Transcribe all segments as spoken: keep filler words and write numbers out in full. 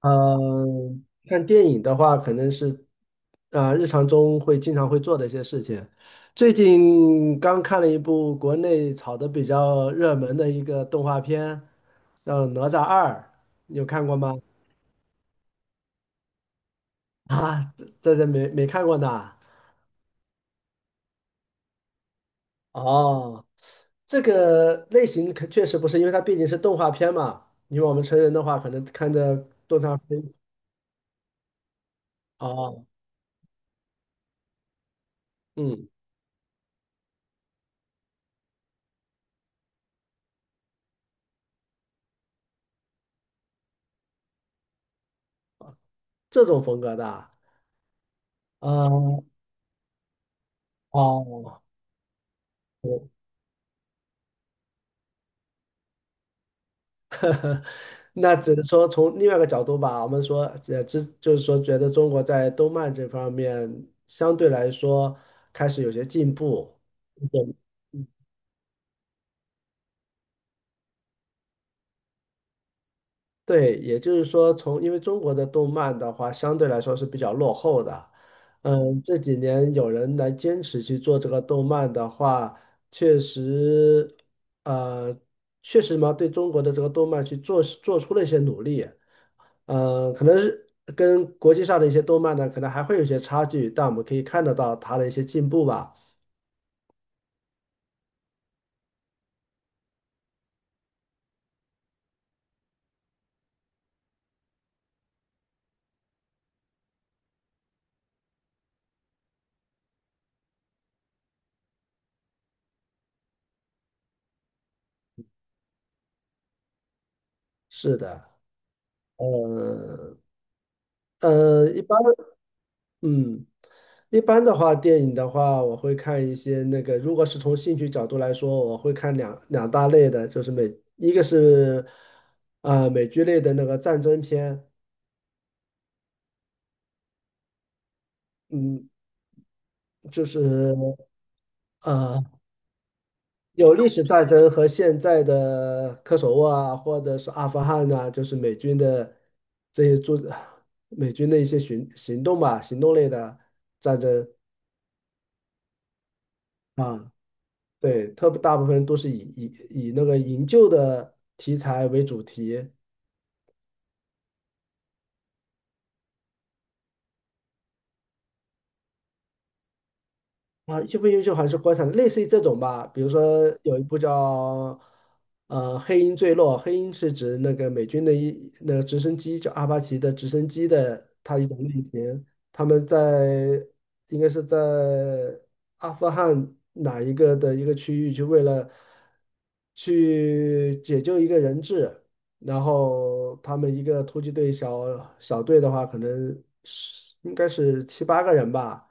嗯，看电影的话，可能是啊、日常中会经常会做的一些事情。最近刚看了一部国内炒的比较热门的一个动画片，叫《哪吒二》，你有看过吗？啊，这这这没没看过呢。哦，这个类型可确实不是，因为它毕竟是动画片嘛。因为我们成人的话，可能看着动画片。哦，嗯，这种风格的啊。呃哦。那只能说从另外一个角度吧，我们说，呃，只就是说，觉得中国在动漫这方面相对来说开始有些进步。对，对也就是说从，因为中国的动漫的话，相对来说是比较落后的。嗯，这几年有人来坚持去做这个动漫的话，确实，呃，确实嘛，对中国的这个动漫去做做出了一些努力。呃，可能是跟国际上的一些动漫呢，可能还会有一些差距，但我们可以看得到它的一些进步吧。是的。呃呃，一般，嗯，一般的话，电影的话，我会看一些那个，如果是从兴趣角度来说，我会看两两大类的，就是美，一个是呃美剧类的那个战争片，嗯，就是。呃。有历史战争和现在的科索沃啊，或者是阿富汗呐、就是美军的这些做美军的一些行行动吧，行动类的战争啊。对，特别大部分都是以以以那个营救的题材为主题。啊，优不优秀还是国产，类似于这种吧。比如说有一部叫呃“黑鹰坠落”，黑鹰是指那个美军的一那个直升机，就阿帕奇的直升机的它一种类型。他们在应该是在阿富汗哪一个的一个区域，就为了去解救一个人质，然后他们一个突击队小小队的话，可能是应该是七八个人吧，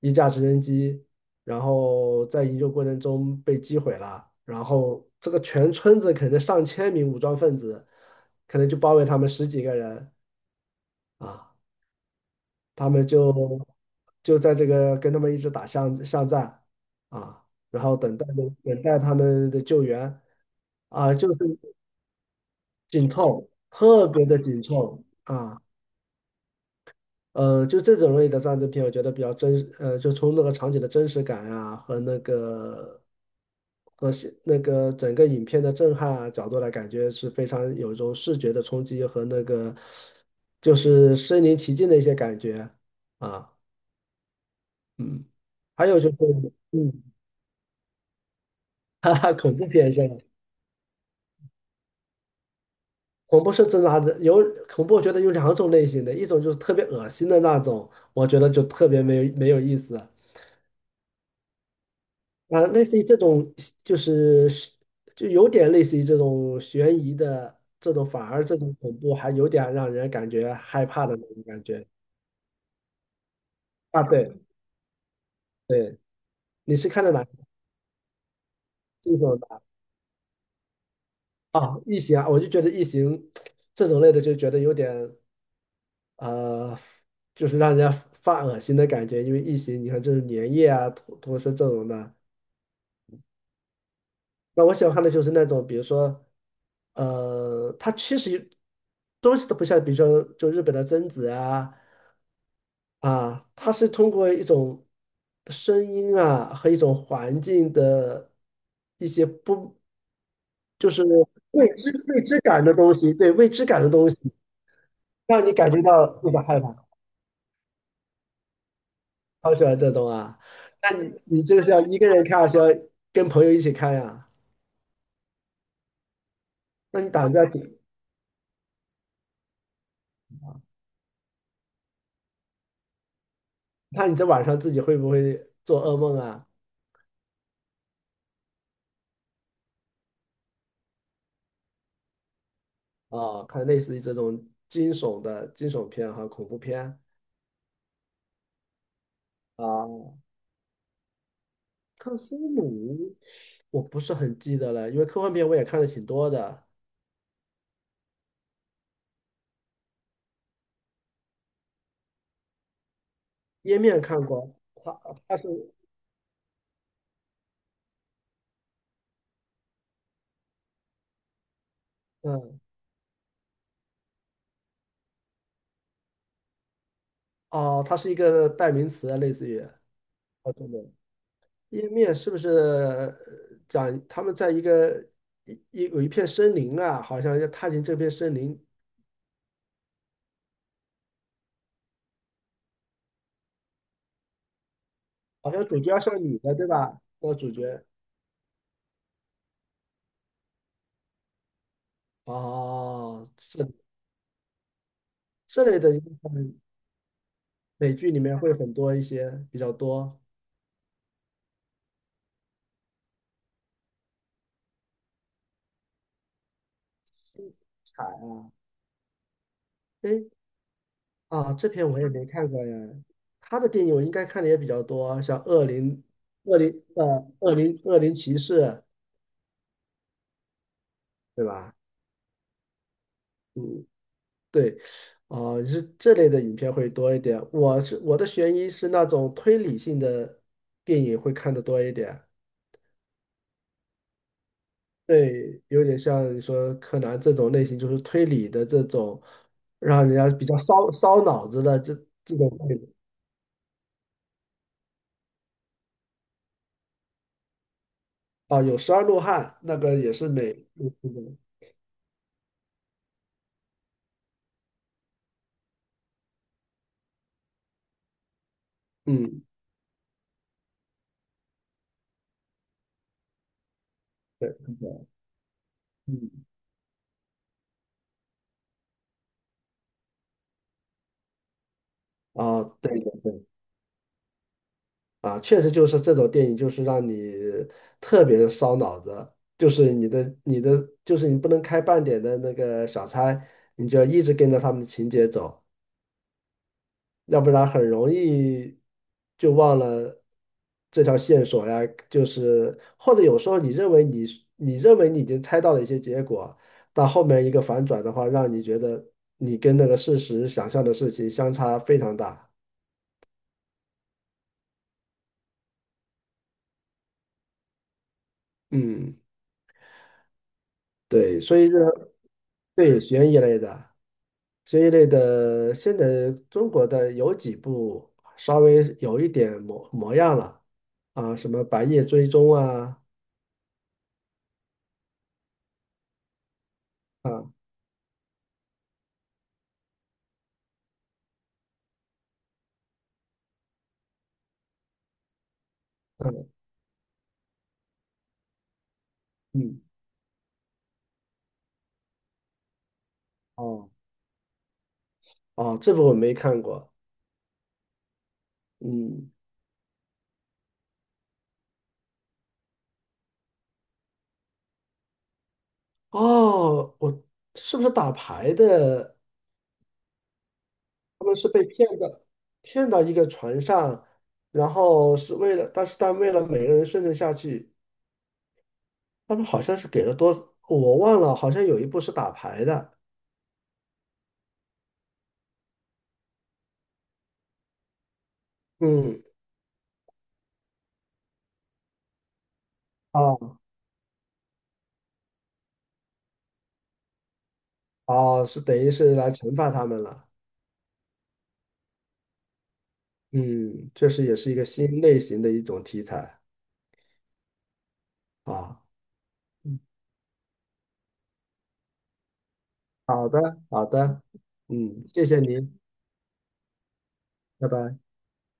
一架直升机。然后在营救过程中被击毁了，然后这个全村子可能上千名武装分子，可能就包围他们十几个人啊，他们就就在这个跟他们一直打巷巷战啊，然后等待着等待他们的救援啊，就是紧凑，特别的紧凑啊。呃，就这种类的战争片，我觉得比较真实。呃，就从那个场景的真实感啊，和那个和是那个整个影片的震撼啊角度来，感觉是非常有一种视觉的冲击和那个就是身临其境的一些感觉啊。嗯，还有就是，嗯。哈哈，恐怖片是吧？恐怖是真的还是有恐怖，我觉得有两种类型的，一种就是特别恶心的那种，我觉得就特别没有没有意思啊，类似于这种就是就有点类似于这种悬疑的这种，反而这种恐怖还有点让人感觉害怕的那种感觉啊。对对，你是看的哪这种的啊？异形啊，我就觉得异形这种类的就觉得有点呃，就是让人家发恶心的感觉，因为异形你看这种粘液啊、同同时这种的。那我喜欢看的就是那种，比如说呃，它其实东西都不像，比如说就日本的贞子啊。啊，它是通过一种声音啊和一种环境的一些不，就是未知未知感的东西，对未知感的东西，让你感觉到那个害怕。好喜欢这种啊，那你你这个是要一个人看，还是要跟朋友一起看呀？那你胆子要挺那你这晚上自己会不会做噩梦啊？啊，看类似于这种惊悚的惊悚片和恐怖片啊，克苏鲁。我不是很记得了，因为科幻片我也看的挺多的，《页面》看过，它它是嗯。哦，它是一个代名词啊，类似于哦，对对。《页面》是不是呃讲他们在一个一一有一片森林啊，好像要踏进这片森林，好像主角要是个女的，对吧？那个主角哦，是这类的。嗯，美剧里面会很多一些比较多彩啊。哎，啊，这篇我也没看过呀。他的电影我应该看的也比较多，像《恶灵》《恶灵》呃，《恶灵》《恶灵骑士》，对吧？嗯，对。哦、是这类的影片会多一点。我是我的悬疑是那种推理性的电影会看的多一点。对，有点像你说柯南这种类型，就是推理的这种，让人家比较烧烧脑子的这这种类型。啊，有《十二怒汉》，那个也是美，嗯，对，嗯。啊，对对对。啊，确实就是这种电影，就是让你特别的烧脑子，就是你的你的，就是你不能开半点的那个小差，你就要一直跟着他们的情节走，要不然很容易就忘了这条线索呀，就是或者有时候你认为你是你认为你已经猜到了一些结果，但后面一个反转的话，让你觉得你跟那个事实想象的事情相差非常大。嗯。对，所以说对悬疑类的，悬疑类的，现在中国的有几部稍微有一点模模样了啊，什么《白夜追踪》啊。啊，嗯嗯。哦哦，这部我没看过。嗯，哦，我是不是打牌的？他们是被骗的，骗到一个船上，然后是为了，但是但为了每个人生存下去，他们好像是给了多，我忘了，好像有一部是打牌的。嗯。哦哦，是等于是来惩罚他们了。嗯，确实也是一个新类型的一种题材啊。嗯，好的，好的，嗯，谢谢您，拜拜。